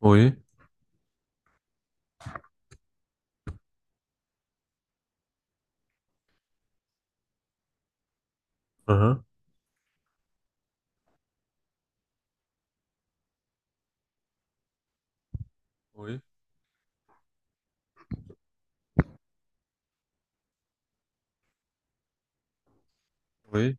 Oui, hein, oui, oui,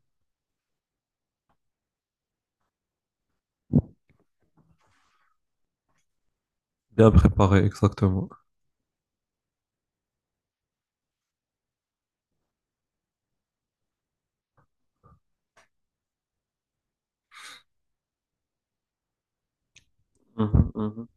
bien préparé, exactement. Mhm, mhm.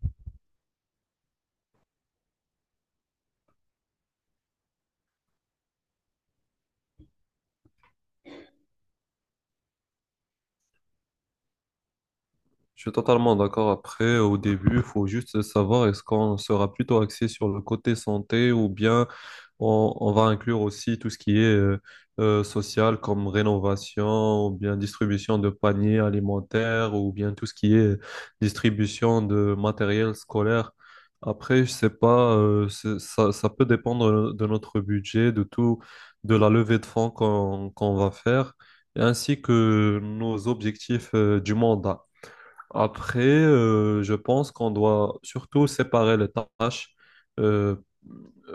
Je suis totalement d'accord. Après, au début, il faut juste savoir est-ce qu'on sera plutôt axé sur le côté santé ou bien on va inclure aussi tout ce qui est social comme rénovation ou bien distribution de paniers alimentaires ou bien tout ce qui est distribution de matériel scolaire. Après, je sais pas, ça, ça peut dépendre de notre budget, de tout, de la levée de fonds qu'on va faire, ainsi que nos objectifs du mandat. Après, je pense qu'on doit surtout séparer les tâches. Euh,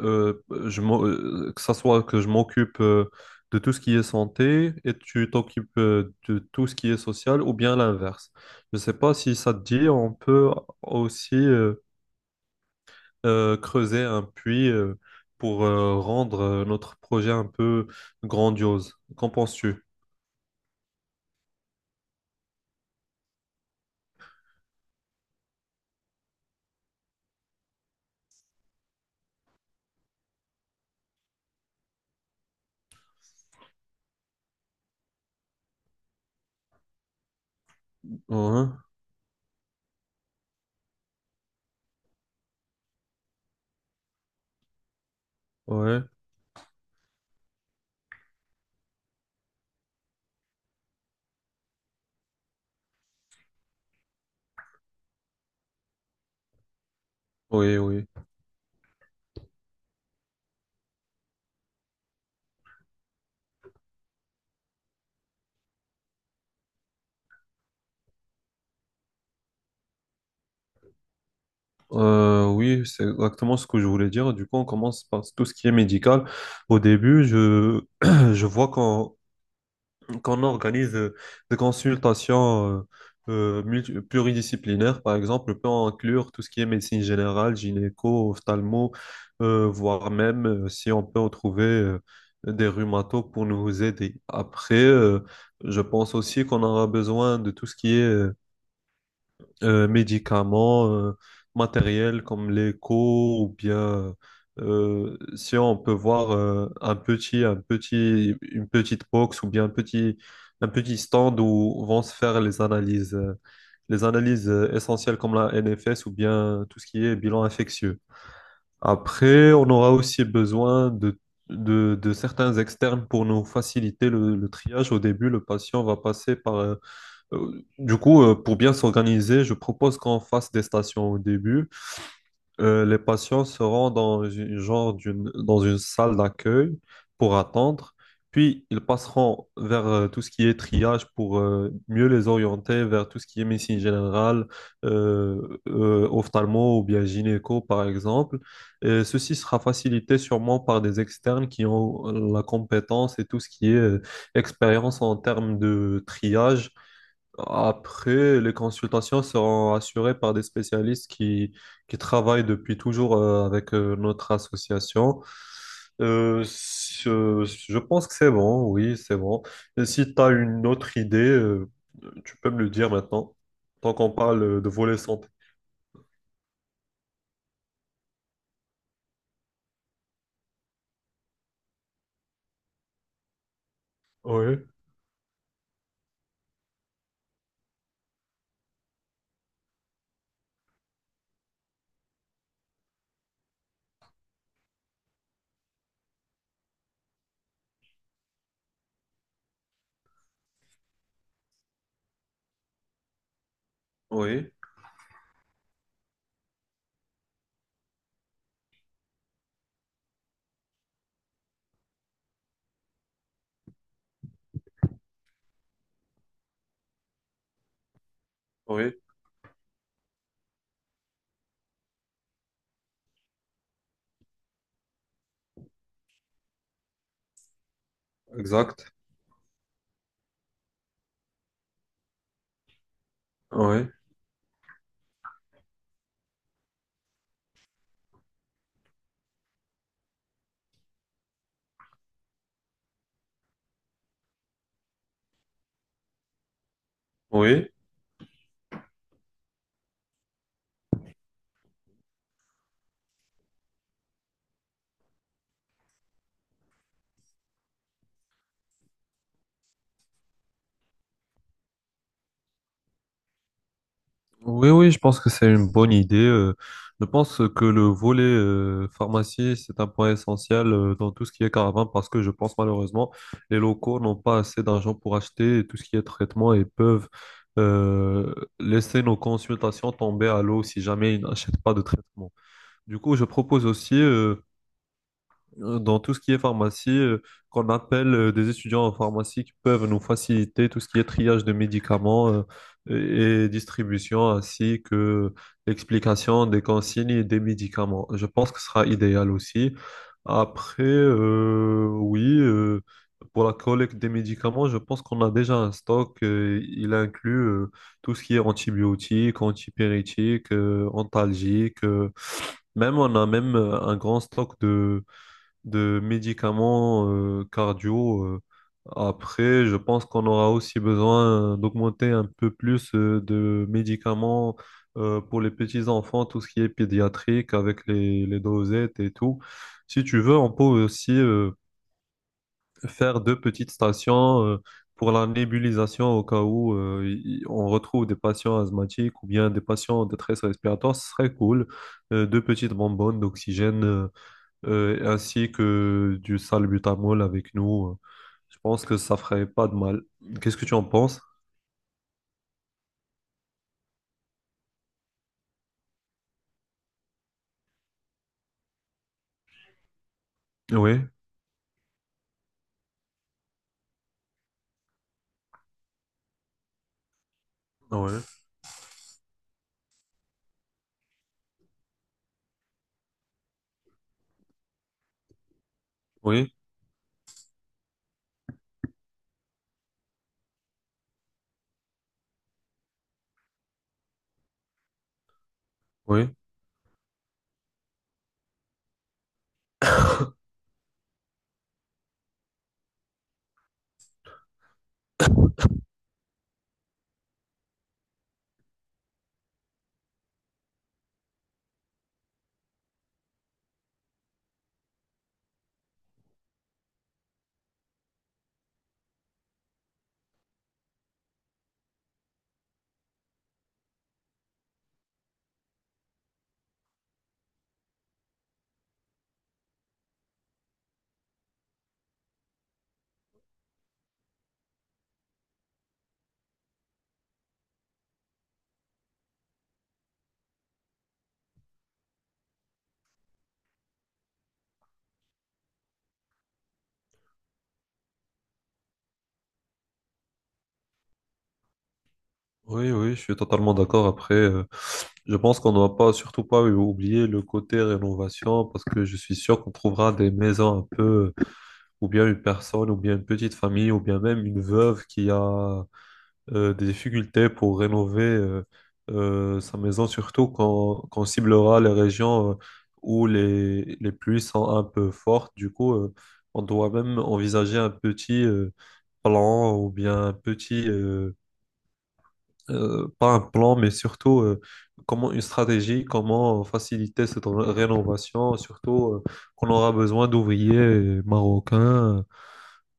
euh, que ça soit que je m'occupe de tout ce qui est santé et tu t'occupes de tout ce qui est social ou bien l'inverse. Je ne sais pas si ça te dit, on peut aussi creuser un puits pour rendre notre projet un peu grandiose. Qu'en penses-tu? Hein, ouais, oui, oui. Oui, c'est exactement ce que je voulais dire. Du coup, on commence par tout ce qui est médical. Au début, je, je vois qu'on organise des consultations pluridisciplinaires. Par exemple, on peut inclure tout ce qui est médecine générale, gynéco, ophtalmo, voire même si on peut retrouver des rhumatos pour nous aider. Après, je pense aussi qu'on aura besoin de tout ce qui est médicaments, matériel comme l'écho ou bien, si on peut voir, un petit, une petite box ou bien un petit stand où vont se faire les analyses essentielles comme la NFS ou bien tout ce qui est bilan infectieux. Après, on aura aussi besoin de certains externes pour nous faciliter le triage. Au début, le patient va passer par Du coup, pour bien s'organiser, je propose qu'on fasse des stations au début. Les patients seront dans une, genre d'une, dans une salle d'accueil pour attendre, puis ils passeront vers tout ce qui est triage pour mieux les orienter vers tout ce qui est médecine générale, ophtalmo ou bien gynéco, par exemple. Et ceci sera facilité sûrement par des externes qui ont la compétence et tout ce qui est expérience en termes de triage. Après, les consultations seront assurées par des spécialistes qui travaillent depuis toujours avec notre association. Je pense que c'est bon, oui, c'est bon. Et si tu as une autre idée, tu peux me le dire maintenant, tant qu'on parle de volet santé. Oui, oui, oui, exact. Oui, oui. Oui, oui, je pense que c'est une bonne idée. Je pense que le volet pharmacie, c'est un point essentiel dans tout ce qui est caravane, parce que je pense malheureusement, les locaux n'ont pas assez d'argent pour acheter tout ce qui est traitement et peuvent euh, laisser nos consultations tomber à l'eau si jamais ils n'achètent pas de traitement. Du coup, je propose aussi dans tout ce qui est pharmacie, qu'on appelle des étudiants en pharmacie qui peuvent nous faciliter tout ce qui est triage de médicaments, et distribution, ainsi que l'explication des consignes et des médicaments. Je pense que ce sera idéal aussi. Après, oui, pour la collecte des médicaments, je pense qu'on a déjà un stock. Il inclut tout ce qui est antibiotiques, antipyrétiques, antalgiques. Même on a même un grand stock de médicaments cardio. Après, je pense qu'on aura aussi besoin d'augmenter un peu plus de médicaments pour les petits enfants, tout ce qui est pédiatrique avec les dosettes et tout. Si tu veux, on peut aussi faire deux petites stations pour la nébulisation au cas où on retrouve des patients asthmatiques ou bien des patients en détresse respiratoire. Ce serait cool. Deux petites bonbonnes d'oxygène, ainsi que du salbutamol avec nous. Je pense que ça ferait pas de mal. Qu'est-ce que tu en penses? Oui, oui, oui, oui, oui, oui, je suis totalement d'accord. Après, je pense qu'on ne doit pas, surtout pas oublier le côté rénovation, parce que je suis sûr qu'on trouvera des maisons un peu, ou bien une personne, ou bien une petite famille, ou bien même une veuve qui a des difficultés pour rénover sa maison, surtout quand, quand on ciblera les régions où les pluies sont un peu fortes. Du coup, on doit même envisager un petit plan ou bien un petit, pas un plan, mais surtout comment une stratégie, comment faciliter cette rénovation, surtout qu'on aura besoin d'ouvriers marocains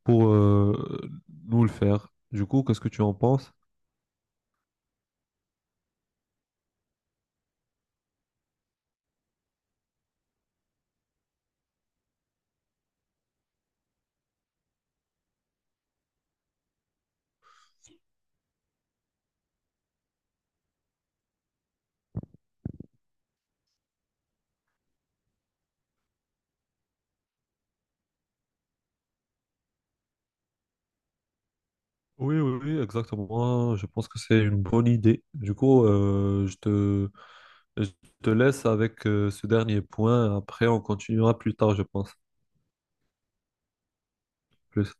pour nous le faire. Du coup, qu'est-ce que tu en penses? Oui, oui, oui, exactement. Je pense que c'est une bonne idée. Du coup, je te laisse avec ce dernier point. Après, on continuera plus tard, je pense. Plus.